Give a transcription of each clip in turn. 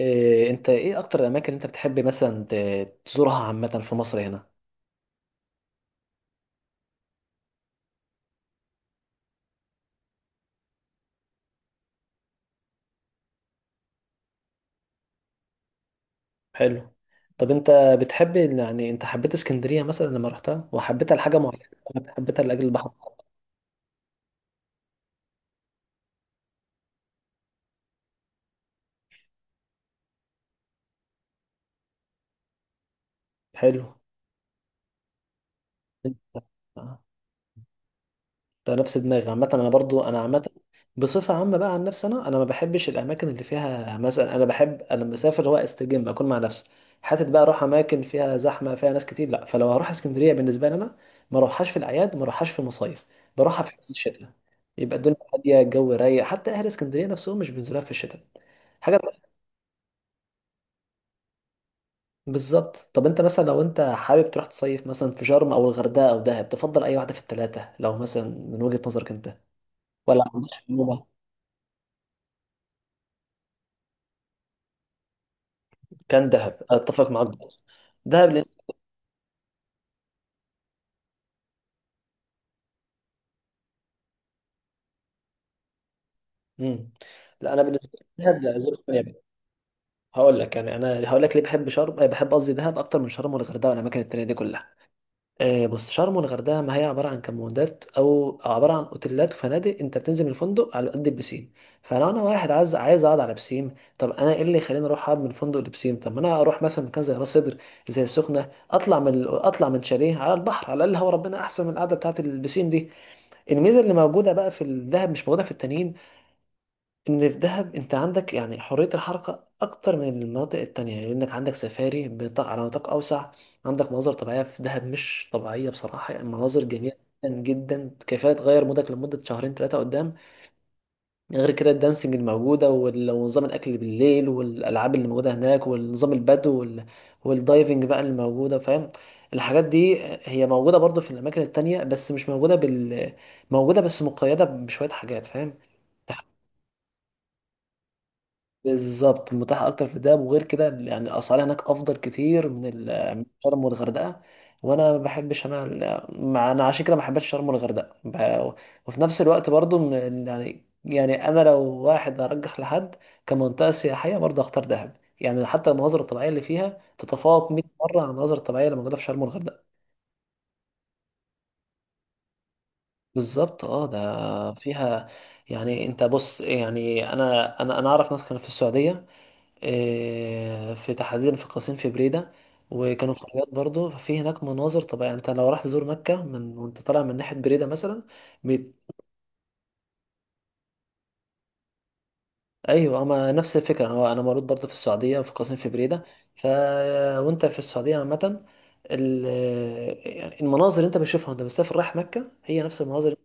إيه انت ايه اكتر الاماكن اللي انت بتحب مثلا تزورها عامه في مصر هنا؟ حلو. طب انت بتحب يعني انت حبيت اسكندريه مثلا لما رحتها وحبيتها لحاجه معينه ولا حبيتها لاجل البحر؟ حلو. انت- آه. ده نفس دماغي، عامة أنا برضو، أنا عامة بصفة عامة، بقى عن نفسي أنا ما بحبش الأماكن اللي فيها مثلا، أنا بحب أنا مسافر هو أستجم أكون مع نفسي، حتت بقى أروح أماكن فيها زحمة فيها ناس كتير، لا. فلو هروح اسكندرية بالنسبة لي أنا ما أروحهاش في الأعياد، ما أروحهاش في المصايف، بروحها في حس الشتاء، يبقى الدنيا هادية، الجو رايق، حتى أهل اسكندرية نفسهم مش بينزلوها في الشتاء حاجة. بالظبط. طب أنت مثلا لو أنت حابب تروح تصيف مثلا في شرم أو الغردقة أو دهب، تفضل أي واحدة في التلاتة لو مثلا من وجهة نظرك أنت؟ ولا ما عندكش؟ كان دهب؟ اتفق معاك برضه، دهب لأن... مم. لا انا بالنسبه لي دهب، لا زرت، يعني هقول لك، يعني انا هقول لك ليه بحب شرم، بحب قصدي دهب اكتر من شرم والغردقه والاماكن التانيه دي كلها. بص، شرم والغردقه ما هي عباره عن كمبوندات او عباره عن اوتيلات وفنادق، انت بتنزل من الفندق على قد البسين. فلو انا واحد عايز اقعد على بسين، طب انا ايه اللي يخليني اروح اقعد من فندق لبسين؟ طب ما انا اروح مثلا مكان زي راس سدر، زي السخنه، اطلع من شاليه على البحر، على الاقل هو ربنا احسن من القعده بتاعت البسين دي. الميزه اللي موجوده بقى في الذهب مش موجوده في التانيين، ان في الذهب انت عندك يعني حريه الحركه اكتر من المناطق التانية، لانك عندك سفاري على نطاق اوسع. عندك مناظر طبيعيه في دهب مش طبيعيه بصراحه، يعني مناظر جميله جدا جدا، كفايه تغير مودك لمده شهرين ثلاثه قدام. غير كده الدانسينج الموجودة ونظام الأكل بالليل والألعاب اللي موجودة هناك والنظام البدو والدايفنج بقى اللي موجودة، فاهم؟ الحاجات دي هي موجودة برضو في الأماكن التانية بس مش موجودة بال موجودة بس مقيدة بشوية حاجات، فاهم؟ بالظبط. متاح اكتر في الدهب، وغير كده يعني الاسعار هناك افضل كتير من من شرم والغردقه. وانا ما بحبش انا ما انا عشان كده ما حبيتش شرم والغردقه وفي نفس الوقت برضو يعني انا لو واحد ارجح لحد كمنطقه سياحيه برضو اختار دهب، يعني حتى المناظر الطبيعيه اللي فيها تتفوق 100 مره عن المناظر الطبيعيه اللي موجوده في شرم والغردقه. بالظبط، اه ده فيها. يعني انت بص، يعني انا اعرف ناس كانوا في السعوديه، في تحديدا في قصيم، في بريدة، وكانوا في الرياض برضه، ففي هناك مناظر طبيعية. يعني انت لو راح تزور مكة من وانت طالع من ناحية بريدة مثلا. ايوه، ما نفس الفكره، هو انا مولود برضه في السعوديه في قسم في بريده. ف وانت في السعوديه عامه ال... يعني المناظر اللي انت بتشوفها وانت مسافر رايح مكه هي نفس المناظر،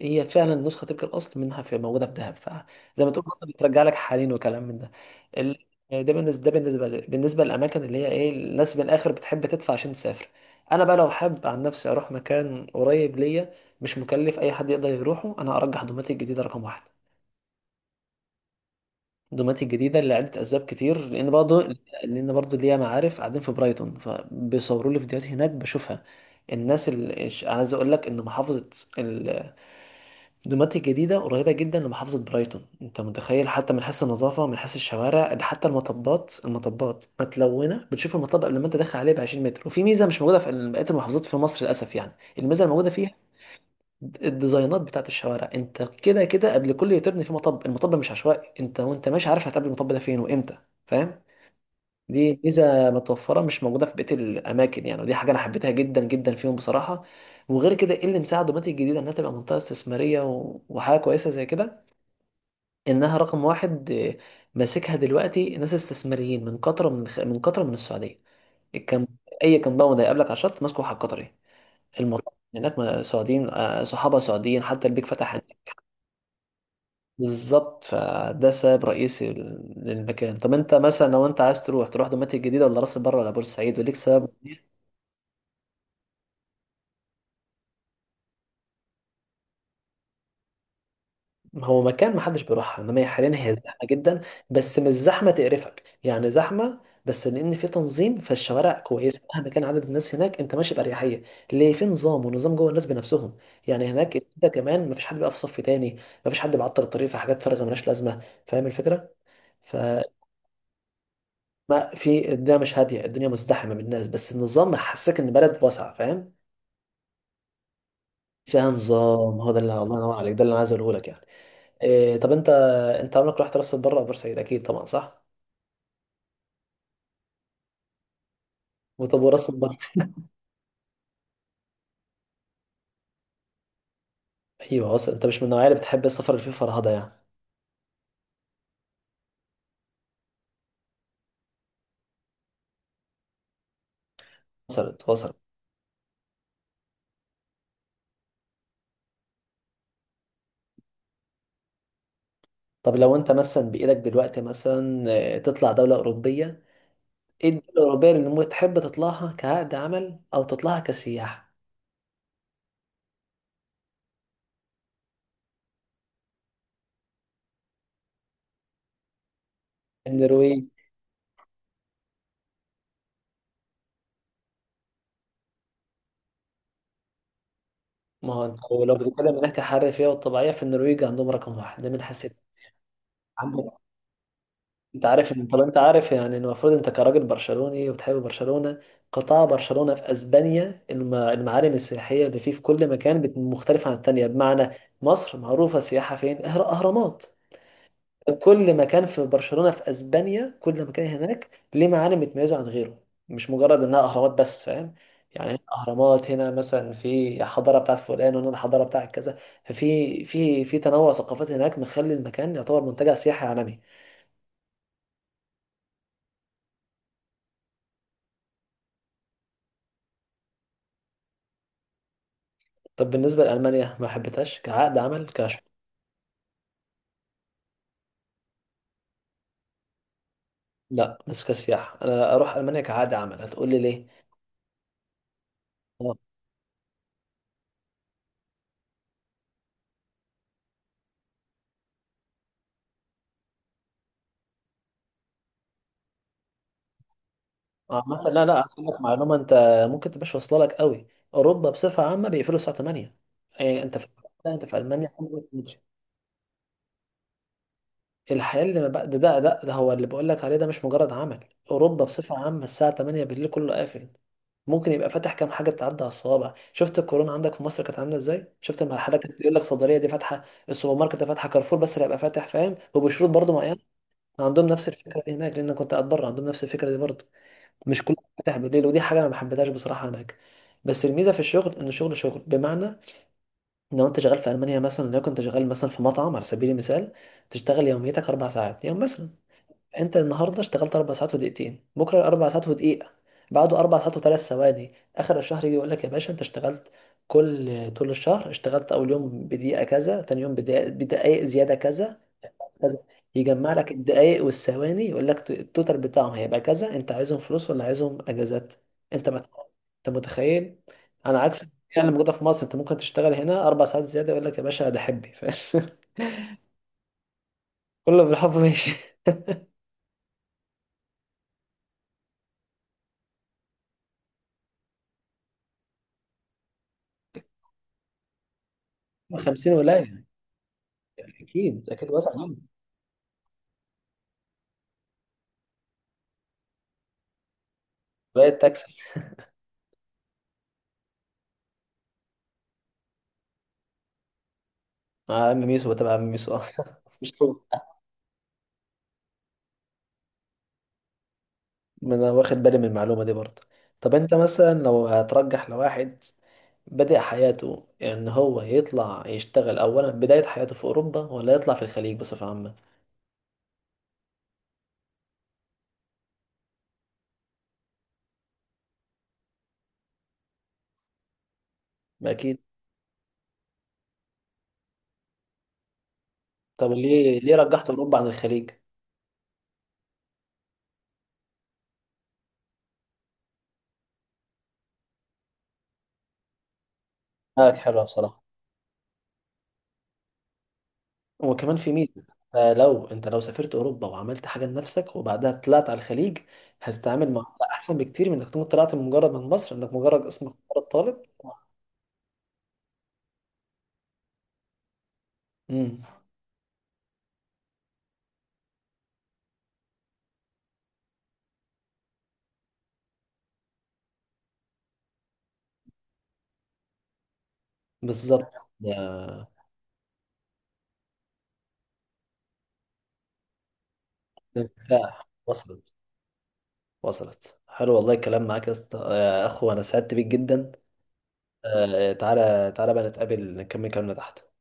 هي فعلا نسخه تلك الاصل منها في موجوده في دهب، فزي ما تقول برضه بترجع لك حالين وكلام من ده. ال... ده بالنسبه بالنسبه للاماكن اللي هي ايه، الناس من الاخر بتحب تدفع عشان تسافر. انا بقى لو حابب عن نفسي اروح مكان قريب ليا مش مكلف اي حد يقدر يروحه، انا ارجح دوماتيك الجديده رقم واحد. دوماتي الجديده لعده اسباب كتير، لان برضه، لان برضه ليا معارف قاعدين في برايتون، فبيصوروا لي فيديوهات هناك بشوفها. الناس اللي عايز اقول لك ان محافظه ال- دوماتي الجديده قريبه جدا لمحافظه برايتون، انت متخيل؟ حتى من حيث النظافه، من حيث الشوارع، ده حتى المطبات، المطبات متلونه، بتشوف المطب قبل ما انت داخل عليه ب 20 متر، وفي ميزه مش موجوده في بقيه المحافظات في مصر للاسف يعني. الميزه الموجوده فيها الديزاينات بتاعت الشوارع، انت كده كده قبل كل يوتيرن في مطب، المطب مش عشوائي، انت وانت ماشي عارف هتقابل المطب ده فين وامتى، فاهم؟ دي ميزه متوفره مش موجوده في بقيه الاماكن يعني، ودي حاجه انا حبيتها جدا جدا فيهم بصراحه. وغير كده ايه اللي مساعد دوماتيك الجديده انها تبقى منطقه استثماريه وحاجه كويسه زي كده، انها رقم واحد، ماسكها دلوقتي ناس استثماريين من قطر، من قطر، من السعوديه. الكم... اي كمباوند هيقابلك على الشط ماسكه واحد قطري، المطار هناك سعوديين، صحابه سعوديين، حتى البيك فتح. بالظبط، فده سبب رئيسي للمكان. طب انت مثلا لو انت عايز تروح، دوماتيك الجديده ولا راس البر ولا بورسعيد، وليك سبب؟ هو مكان محدش بيروحها، انما هي حاليا هي زحمه جدا، بس مش زحمه تقرفك، يعني زحمه بس لان في تنظيم، فالشوارع كويسه مهما كان عدد الناس هناك، انت ماشي باريحيه، ليه؟ في نظام، ونظام جوه الناس بنفسهم، يعني هناك انت كمان مفيش حد بيقف في صف تاني، مفيش حد بيعطل الطريق في حاجات فارغه ملهاش لازمه، فاهم الفكره؟ ف ما في الدنيا، مش هادية، الدنيا مزدحمة بالناس بس النظام حسسك إن بلد واسعة، فاهم؟ فيها نظام، هو ده اللي، الله ينور عليك، ده اللي أنا عايز أقوله لك يعني. إيه طب أنت، أنت عمرك رحت راس البر أو بورسعيد؟ أكيد طبعا صح. وطب وراس البر؟ أيوه، وصل. أنت مش من النوعية اللي بتحب السفر اللي فيه فرهدة يعني؟ وصلت وصلت. طب لو أنت مثلا بإيدك دلوقتي مثلا تطلع دولة أوروبية، إيه الدولة الأوروبية اللي ممكن تحب تطلعها كعقد عمل أو تطلعها كسياحة؟ النرويج؟ ما هو انت لو بتتكلم من ناحية الحرية فيها والطبيعية، في النرويج عندهم رقم واحد، ده من حيث. عندك، انت عارف ان، طب انت عارف يعني ان المفروض انت كراجل برشلوني وبتحب برشلونة، قطاع برشلونة في اسبانيا، المعالم السياحية اللي فيه في كل مكان مختلفة عن التانية، بمعنى، مصر معروفة سياحة فين؟ اهرامات. كل مكان في برشلونة في اسبانيا، كل مكان هناك ليه معالم بتميزه عن غيره، مش مجرد انها اهرامات بس، فاهم؟ يعني هنا اهرامات، هنا مثلا في حضارة بتاعت فلان، وهنا الحضارة بتاعت كذا، ففي في تنوع ثقافات هناك مخلي المكان يعتبر منتجع سياحي عالمي. طب بالنسبة لألمانيا، ما حبيتهاش كعقد عمل كش؟ لا، بس كسياحة. أنا أروح ألمانيا كعقد عمل، هتقول لي ليه؟ آه، عامة، لا هقول لك معلومة أنت ممكن تبقاش واصلة لك قوي. أوروبا بصفة عامة بيقفلوا الساعة 8، يعني أنت في، لا، أنت في ألمانيا، الحياة اللي ما بقى ده هو اللي بقول لك عليه، ده مش مجرد عمل. أوروبا بصفة عامة الساعة 8 بالليل كله قافل. ممكن يبقى فاتح كام حاجة تعدي على الصوابع، شفت الكورونا عندك في مصر كانت عاملة ازاي، شفت المحلات كانت بيقول لك صيدلية دي فاتحة، السوبر ماركت ده فاتحة، كارفور بس اللي هيبقى فاتح، فاهم؟ وبشروط برضه معينة. عندهم نفس الفكرة دي هناك، لأن أنا كنت قاعد بره عندهم نفس الفكرة دي برضه، مش كله فاتح بالليل، ودي حاجة أنا ما حبيتهاش بصراحة هناك. بس الميزة في الشغل إن الشغل شغل، بمعنى، لو أنت شغال في ألمانيا مثلا، لو كنت شغال مثلا في مطعم على سبيل المثال، تشتغل يوميتك أربع ساعات يوم مثلا، انت النهارده اشتغلت اربع ساعات ودقيقتين، بكره اربع ساعات ودقيقه، بعده اربع ساعات وثلاث ثواني، اخر الشهر يجي يقول لك يا باشا انت اشتغلت كل طول الشهر اشتغلت اول يوم بدقيقه كذا، تاني يوم بدقيقه، بدقائق زياده كذا كذا، يجمع لك الدقائق والثواني يقول لك التوتال بتاعهم هيبقى كذا، انت عايزهم فلوس ولا عايزهم اجازات؟ انت مت... انت متخيل؟ انا عكس يعني موجوده في مصر، انت ممكن تشتغل هنا اربع ساعات زياده يقول لك يا باشا ده حبي كله بالحب ماشي. 50 ولايه. اكيد اكيد واسع عنه. بقيت تاكسي. مع عم ميسو، بتابع عم ميسو اه بس مش هو. ما انا واخد بالي من المعلومه دي برضه. طب انت مثلا لو هترجح لواحد بدأ حياته، ان هو يطلع يشتغل اولا بدايه حياته في اوروبا، ولا يطلع في الخليج بصفه عامه؟ اكيد. طب ليه ليه رجحت اوروبا عن الخليج؟ معاك حلوه بصراحه. وكمان في ميزة، لو انت لو سافرت اوروبا وعملت حاجة لنفسك وبعدها طلعت على الخليج، هتتعامل مع احسن بكتير من انك تكون طلعت من مجرد من مصر، انك مجرد اسمك مجرد طالب. امم. بالظبط. يا- لا، وصلت وصلت. حلو والله، الكلام معاك يا اسطى يا اخو انا سعدت بيك جدا. تعالى بقى نتقابل نكمل كلامنا تحت.